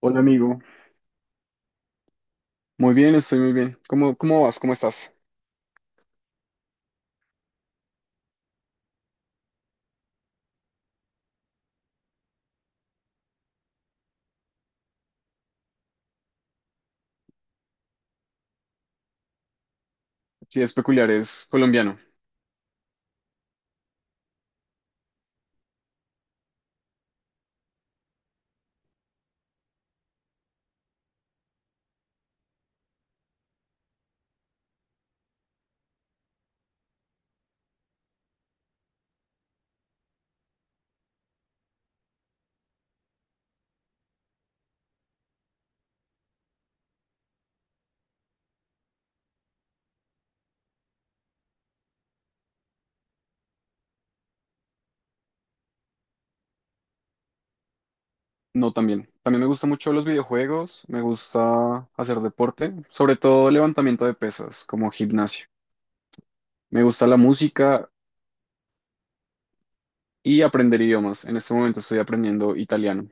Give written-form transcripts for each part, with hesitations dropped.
Hola amigo, muy bien, estoy muy bien. ¿Cómo vas? ¿Cómo estás? Si es peculiar, es colombiano. No, también. También me gustan mucho los videojuegos, me gusta hacer deporte, sobre todo levantamiento de pesas, como gimnasio. Me gusta la música y aprender idiomas. En este momento estoy aprendiendo italiano.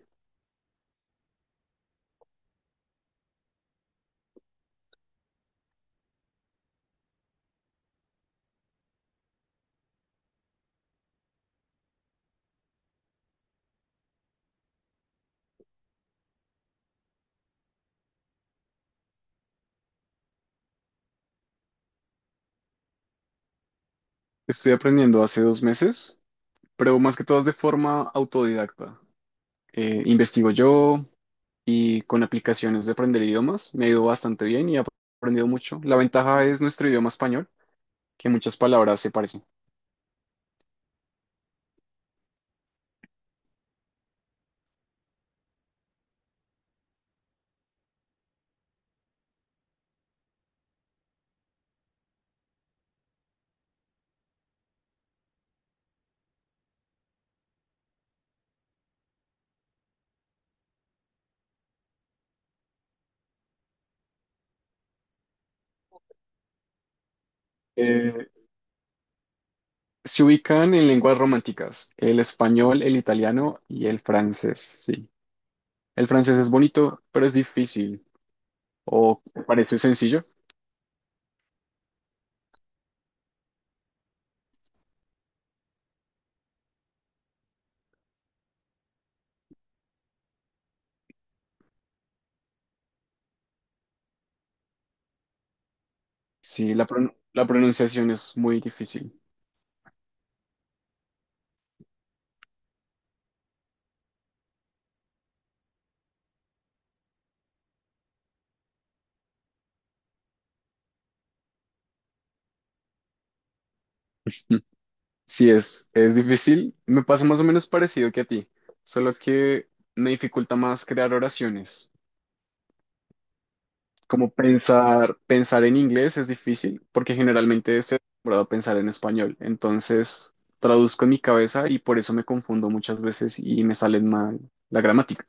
Estoy aprendiendo hace dos meses, pero más que todo es de forma autodidacta. Investigo yo y con aplicaciones de aprender idiomas me ha ido bastante bien y he aprendido mucho. La ventaja es nuestro idioma español, que muchas palabras se parecen. Eh, Se ubican en lenguas románticas, el español, el italiano y el francés, sí. El francés es bonito, pero es difícil, o parece sencillo. Sí, la pronunciación es muy difícil. Sí, es difícil. Me pasa más o menos parecido que a ti, solo que me dificulta más crear oraciones. Como pensar en inglés es difícil, porque generalmente estoy acostumbrado a pensar en español. Entonces, traduzco en mi cabeza y por eso me confundo muchas veces y me salen mal la gramática.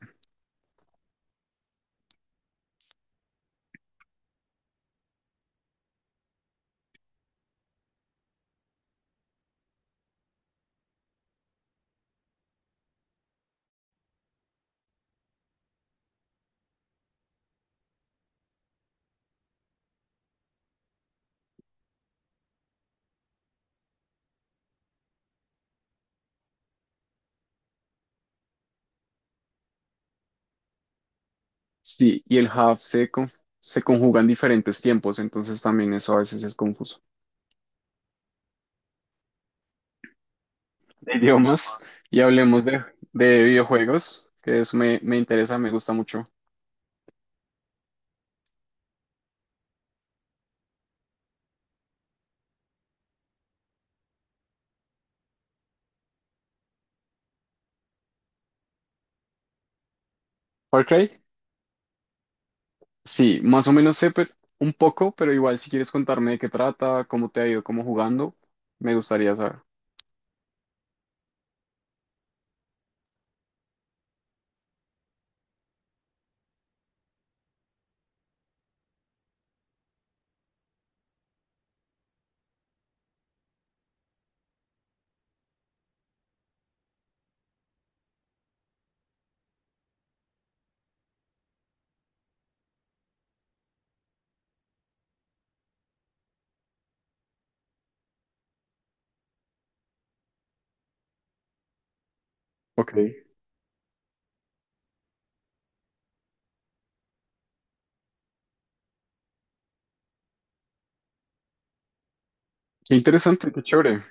Sí, y el have se conjugan diferentes tiempos, entonces también eso a veces es confuso. De idiomas, y hablemos de videojuegos, que eso me interesa, me gusta mucho. Far Cry. Sí, más o menos sé pero un poco, pero igual si quieres contarme de qué trata, cómo te ha ido, cómo jugando, me gustaría saber. Ok. Qué interesante, qué chévere.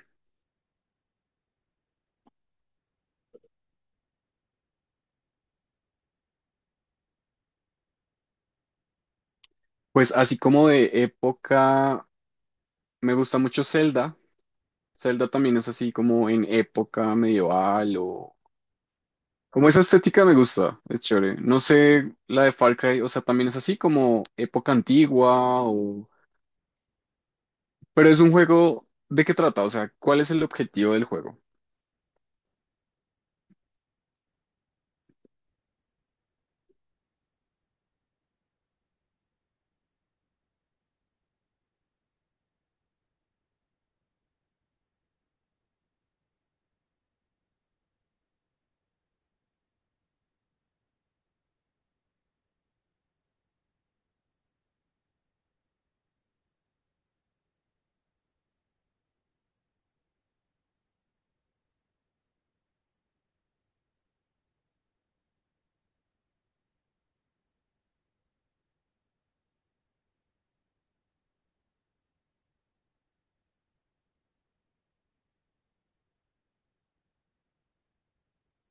Pues así como de época, me gusta mucho Zelda. Zelda también es así como en época medieval o... Como esa estética me gusta, es chévere. No sé, la de Far Cry, o sea, también es así como época antigua o... Pero es un juego, ¿de qué trata? O sea, ¿cuál es el objetivo del juego?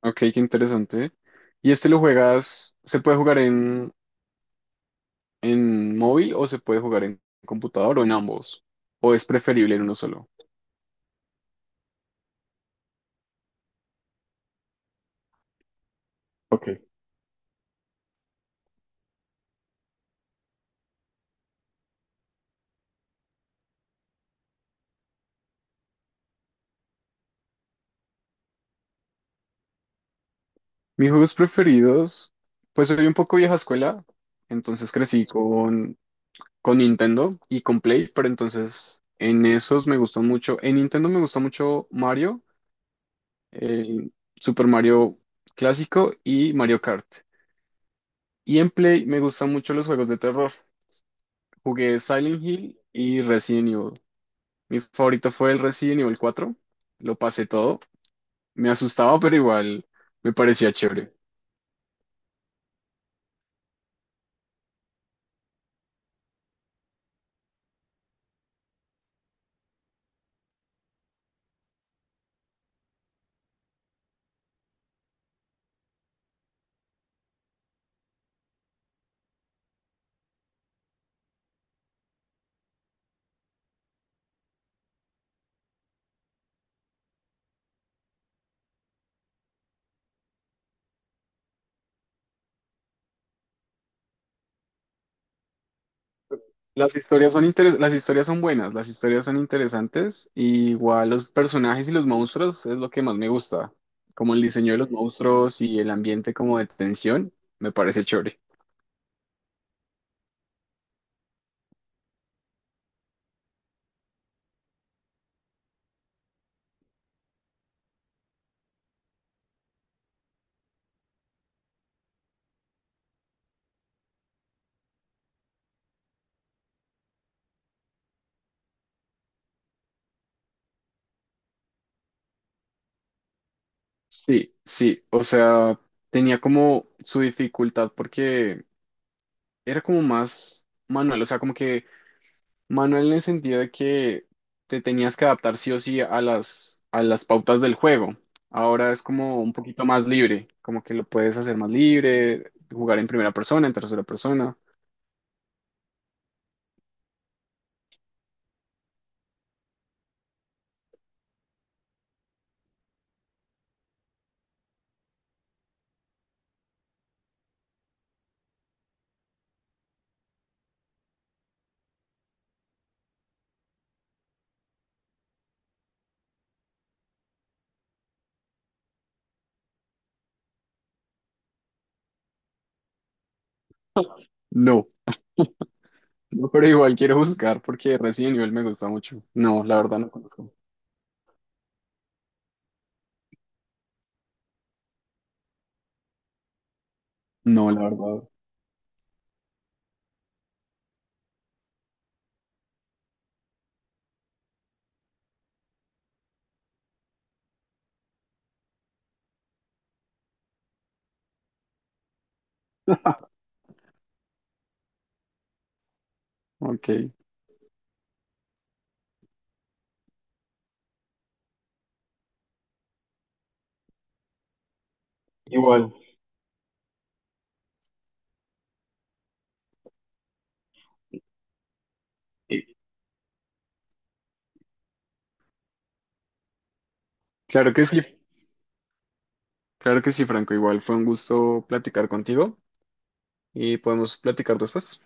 Ok, qué interesante. ¿Y este lo juegas, se puede jugar en móvil o se puede jugar en computador o en ambos? ¿O es preferible en uno solo? Ok. Mis juegos preferidos, pues soy un poco vieja escuela, entonces crecí con Nintendo y con Play, pero entonces en esos me gustan mucho, en Nintendo me gusta mucho Mario, el Super Mario clásico y Mario Kart. Y en Play me gustan mucho los juegos de terror. Jugué Silent Hill y Resident Evil. Mi favorito fue el Resident Evil 4. Lo pasé todo. Me asustaba, pero igual me parecía chévere. Las historias son buenas, las historias son interesantes. Y igual los personajes y los monstruos es lo que más me gusta. Como el diseño de los monstruos y el ambiente como de tensión, me parece chévere. Sí, sí, o sea, tenía como su dificultad porque era como más manual, o sea, como que manual en el sentido de que te tenías que adaptar sí o sí a a las pautas del juego. Ahora es como un poquito más libre, como que lo puedes hacer más libre, jugar en primera persona, en tercera persona. No, no, pero igual quiero buscar porque Resident Evil me gusta mucho. No, la verdad no conozco. No, la verdad. Ok. Igual. Y... Claro que sí, claro que sí, Franco. Igual fue un gusto platicar contigo y podemos platicar después.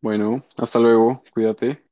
Bueno, hasta luego, cuídate.